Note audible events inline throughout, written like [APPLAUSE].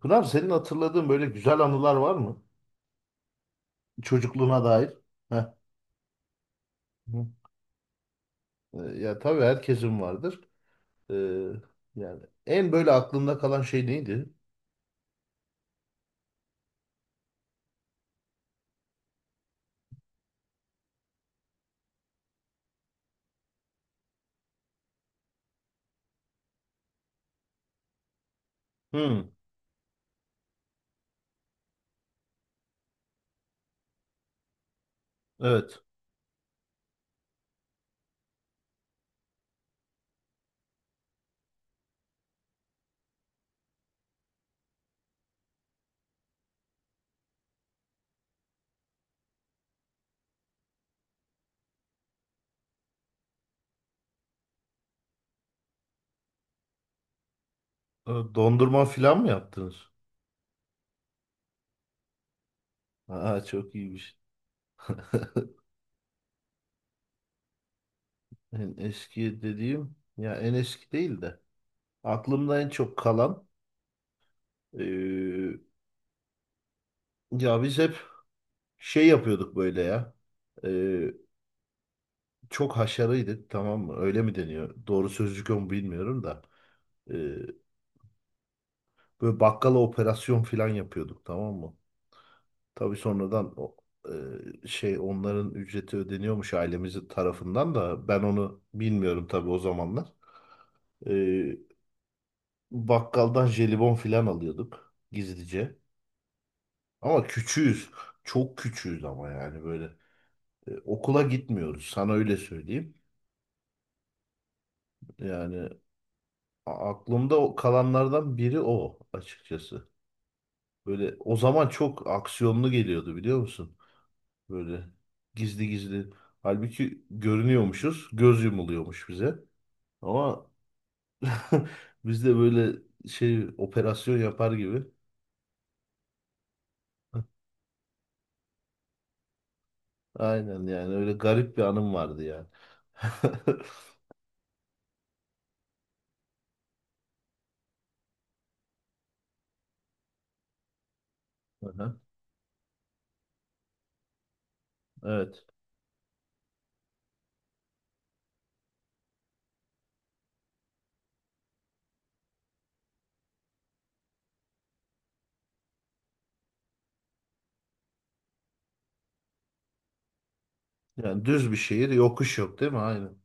Pınar senin hatırladığın böyle güzel anılar var mı? Çocukluğuna dair. Heh. Hı. Ya tabii herkesin vardır. Ee, Yani en böyle aklında kalan şey neydi? Hmm, evet. Dondurma falan mı yaptınız? Aa, çok iyiymiş. En eski dediğim ya, en eski değil de aklımda en çok kalan, ee, ya biz hep şey yapıyorduk böyle ya. Ee, Çok haşarıydık, tamam mı? Öyle mi deniyor? Doğru sözcük o mu bilmiyorum da. Ee, Böyle bakkala operasyon falan yapıyorduk, tamam mı? Tabii sonradan o, şey, onların ücreti ödeniyormuş ailemizin tarafından, da ben onu bilmiyorum tabii o zamanlar. E, Bakkaldan jelibon falan alıyorduk gizlice. Ama küçüğüz. Çok küçüğüz ama yani böyle. Okula gitmiyoruz, sana öyle söyleyeyim. Yani aklımda kalanlardan biri o, açıkçası. Böyle o zaman çok aksiyonlu geliyordu, biliyor musun? Böyle gizli gizli. Halbuki görünüyormuşuz. Göz yumuluyormuş bize. Ama [LAUGHS] biz de böyle şey, operasyon yapar gibi. Aynen, yani öyle garip bir anım vardı yani. [LAUGHS] Aha, evet. Yani düz bir şehir, yokuş yok değil mi? Aynen.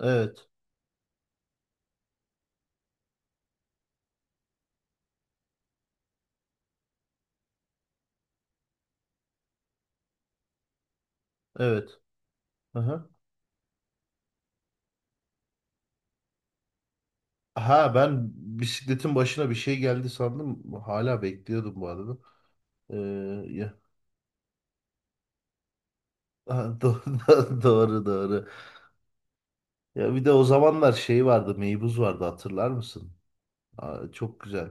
Evet. Evet. Aha. Ha, ben bisikletin başına bir şey geldi sandım. Hala bekliyordum bu arada. Ee, ya, ha, [LAUGHS] doğru, doğru. Ya bir de o zamanlar şey vardı, meybuz vardı, hatırlar mısın? Aa, çok güzel.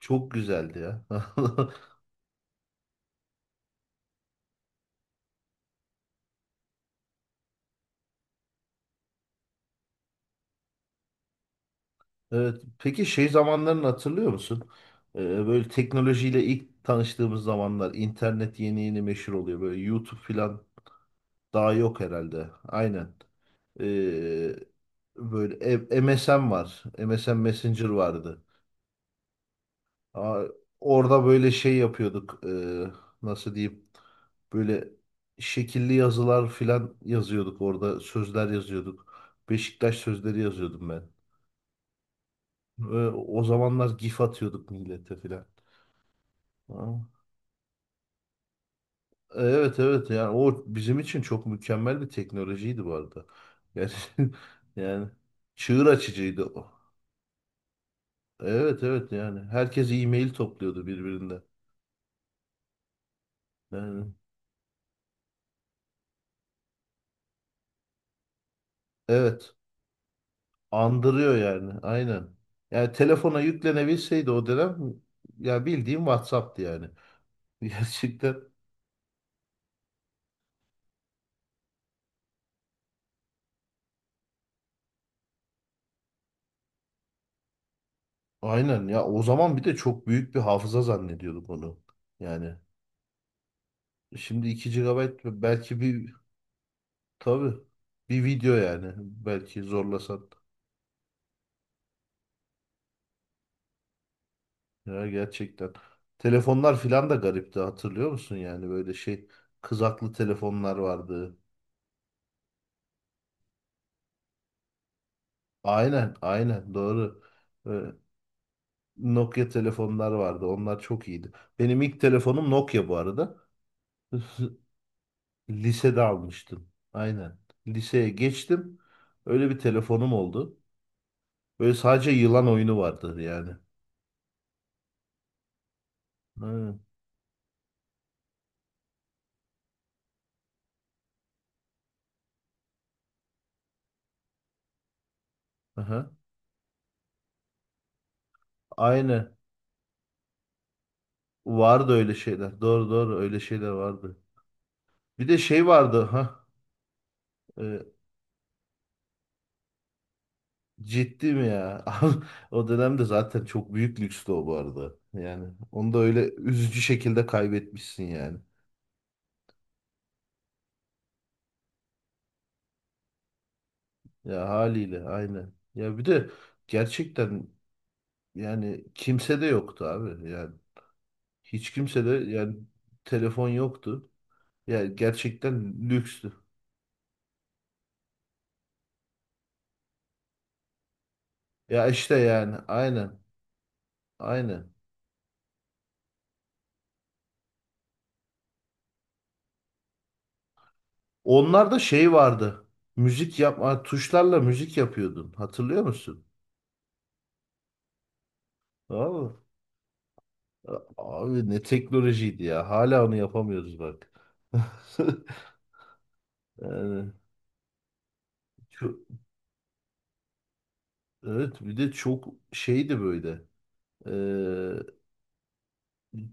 Çok güzeldi ya. [LAUGHS] Evet. Peki şey zamanlarını hatırlıyor musun? Ee, Böyle teknolojiyle ilk tanıştığımız zamanlar, internet yeni yeni meşhur oluyor. Böyle YouTube falan daha yok herhalde. Aynen. Ee, Böyle MSN var. MSN Messenger vardı. Aa, orada böyle şey yapıyorduk. Nasıl diyeyim? Böyle şekilli yazılar filan yazıyorduk orada. Sözler yazıyorduk. Beşiktaş sözleri yazıyordum ben. Ve o zamanlar gif atıyorduk millete filan. Aa, evet evet, yani o bizim için çok mükemmel bir teknolojiydi bu arada. Yani, [LAUGHS] yani çığır açıcıydı o. Evet evet, yani herkes e-mail topluyordu birbirinden. Yani, evet. Andırıyor yani. Aynen. Yani telefona yüklenebilseydi o dönem, ya bildiğim WhatsApp'tı yani. [LAUGHS] Gerçekten. Aynen ya, o zaman bir de çok büyük bir hafıza zannediyorduk onu. Yani şimdi 2 gigabayt belki bir, tabii bir video yani, belki zorlasan. Ya gerçekten. Telefonlar filan da garipti, hatırlıyor musun? Yani böyle şey, kızaklı telefonlar vardı. Aynen, doğru. Ee, Nokia telefonlar vardı. Onlar çok iyiydi. Benim ilk telefonum Nokia bu arada. [LAUGHS] Lisede almıştım. Aynen. Liseye geçtim. Öyle bir telefonum oldu. Böyle sadece yılan oyunu vardı yani. Aynen. Aha. Aynen. Vardı öyle şeyler. Doğru, öyle şeyler vardı. Bir de şey vardı. Ha. e, Ciddi mi ya? [LAUGHS] O dönemde zaten çok büyük lükstü o, bu arada. Yani onu da öyle üzücü şekilde kaybetmişsin yani. Ya haliyle, aynen. Ya bir de gerçekten, yani kimse de yoktu abi. Yani hiç kimse de yani, telefon yoktu. Ya gerçekten lükstü. Ya işte yani, aynen. Aynen. Onlarda şey vardı. Müzik yapma, tuşlarla müzik yapıyordun. Hatırlıyor musun? Tamam mı? Abi, ne teknolojiydi ya. Hala onu yapamıyoruz bak. [LAUGHS] Yani çok, evet, bir de çok şeydi böyle.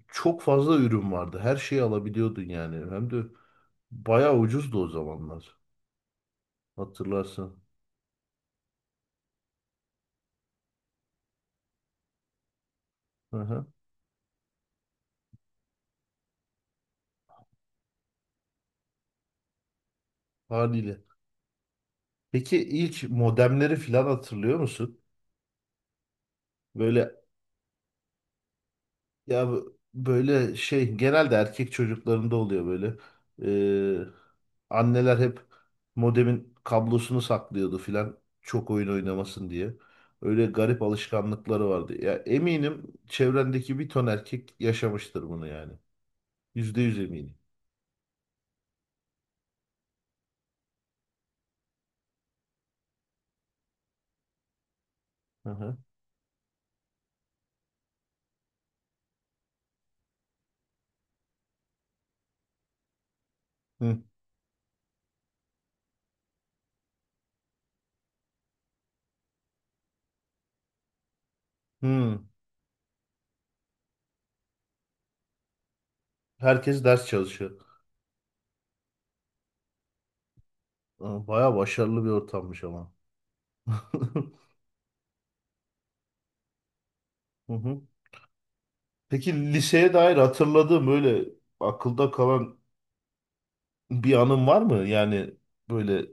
Çok fazla ürün vardı. Her şeyi alabiliyordun yani. Hem de bayağı ucuzdu o zamanlar. Hatırlarsın. Hı hı, haliyle. Peki ilk modemleri falan hatırlıyor musun? Böyle, ya böyle şey genelde erkek çocuklarında oluyor böyle. Ee, Anneler hep modemin kablosunu saklıyordu filan, çok oyun oynamasın diye. Öyle garip alışkanlıkları vardı. Ya eminim çevrendeki bir ton erkek yaşamıştır bunu yani. Yüzde yüz eminim. Hı hı. Hı. Hı. Herkes ders çalışıyor. Aa, bayağı başarılı bir ortammış ama. [LAUGHS] Hı hı. Peki liseye dair hatırladığın böyle akılda kalan bir anın var mı? Yani böyle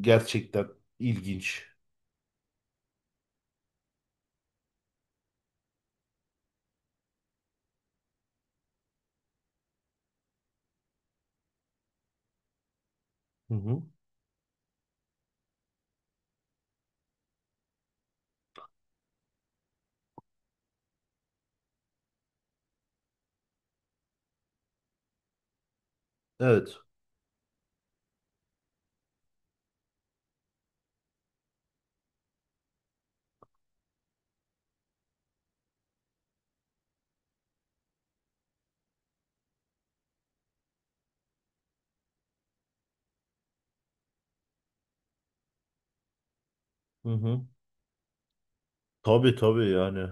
gerçekten ilginç. Hı hı. Evet. Hı hı. Tabii tabii yani.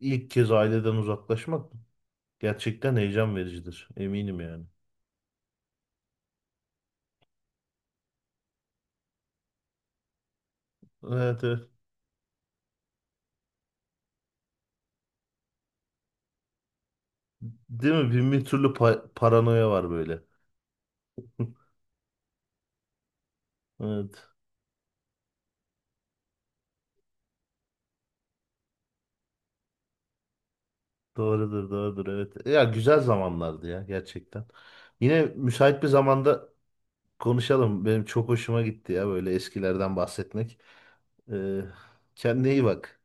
İlk kez aileden uzaklaşmak gerçekten heyecan vericidir. Eminim yani. Evet evet. Değil mi? Bin bir türlü paranoya var böyle. Evet. Doğrudur, doğrudur. Evet. Ya güzel zamanlardı ya, gerçekten. Yine müsait bir zamanda konuşalım. Benim çok hoşuma gitti ya böyle eskilerden bahsetmek. Ee, Kendine iyi bak.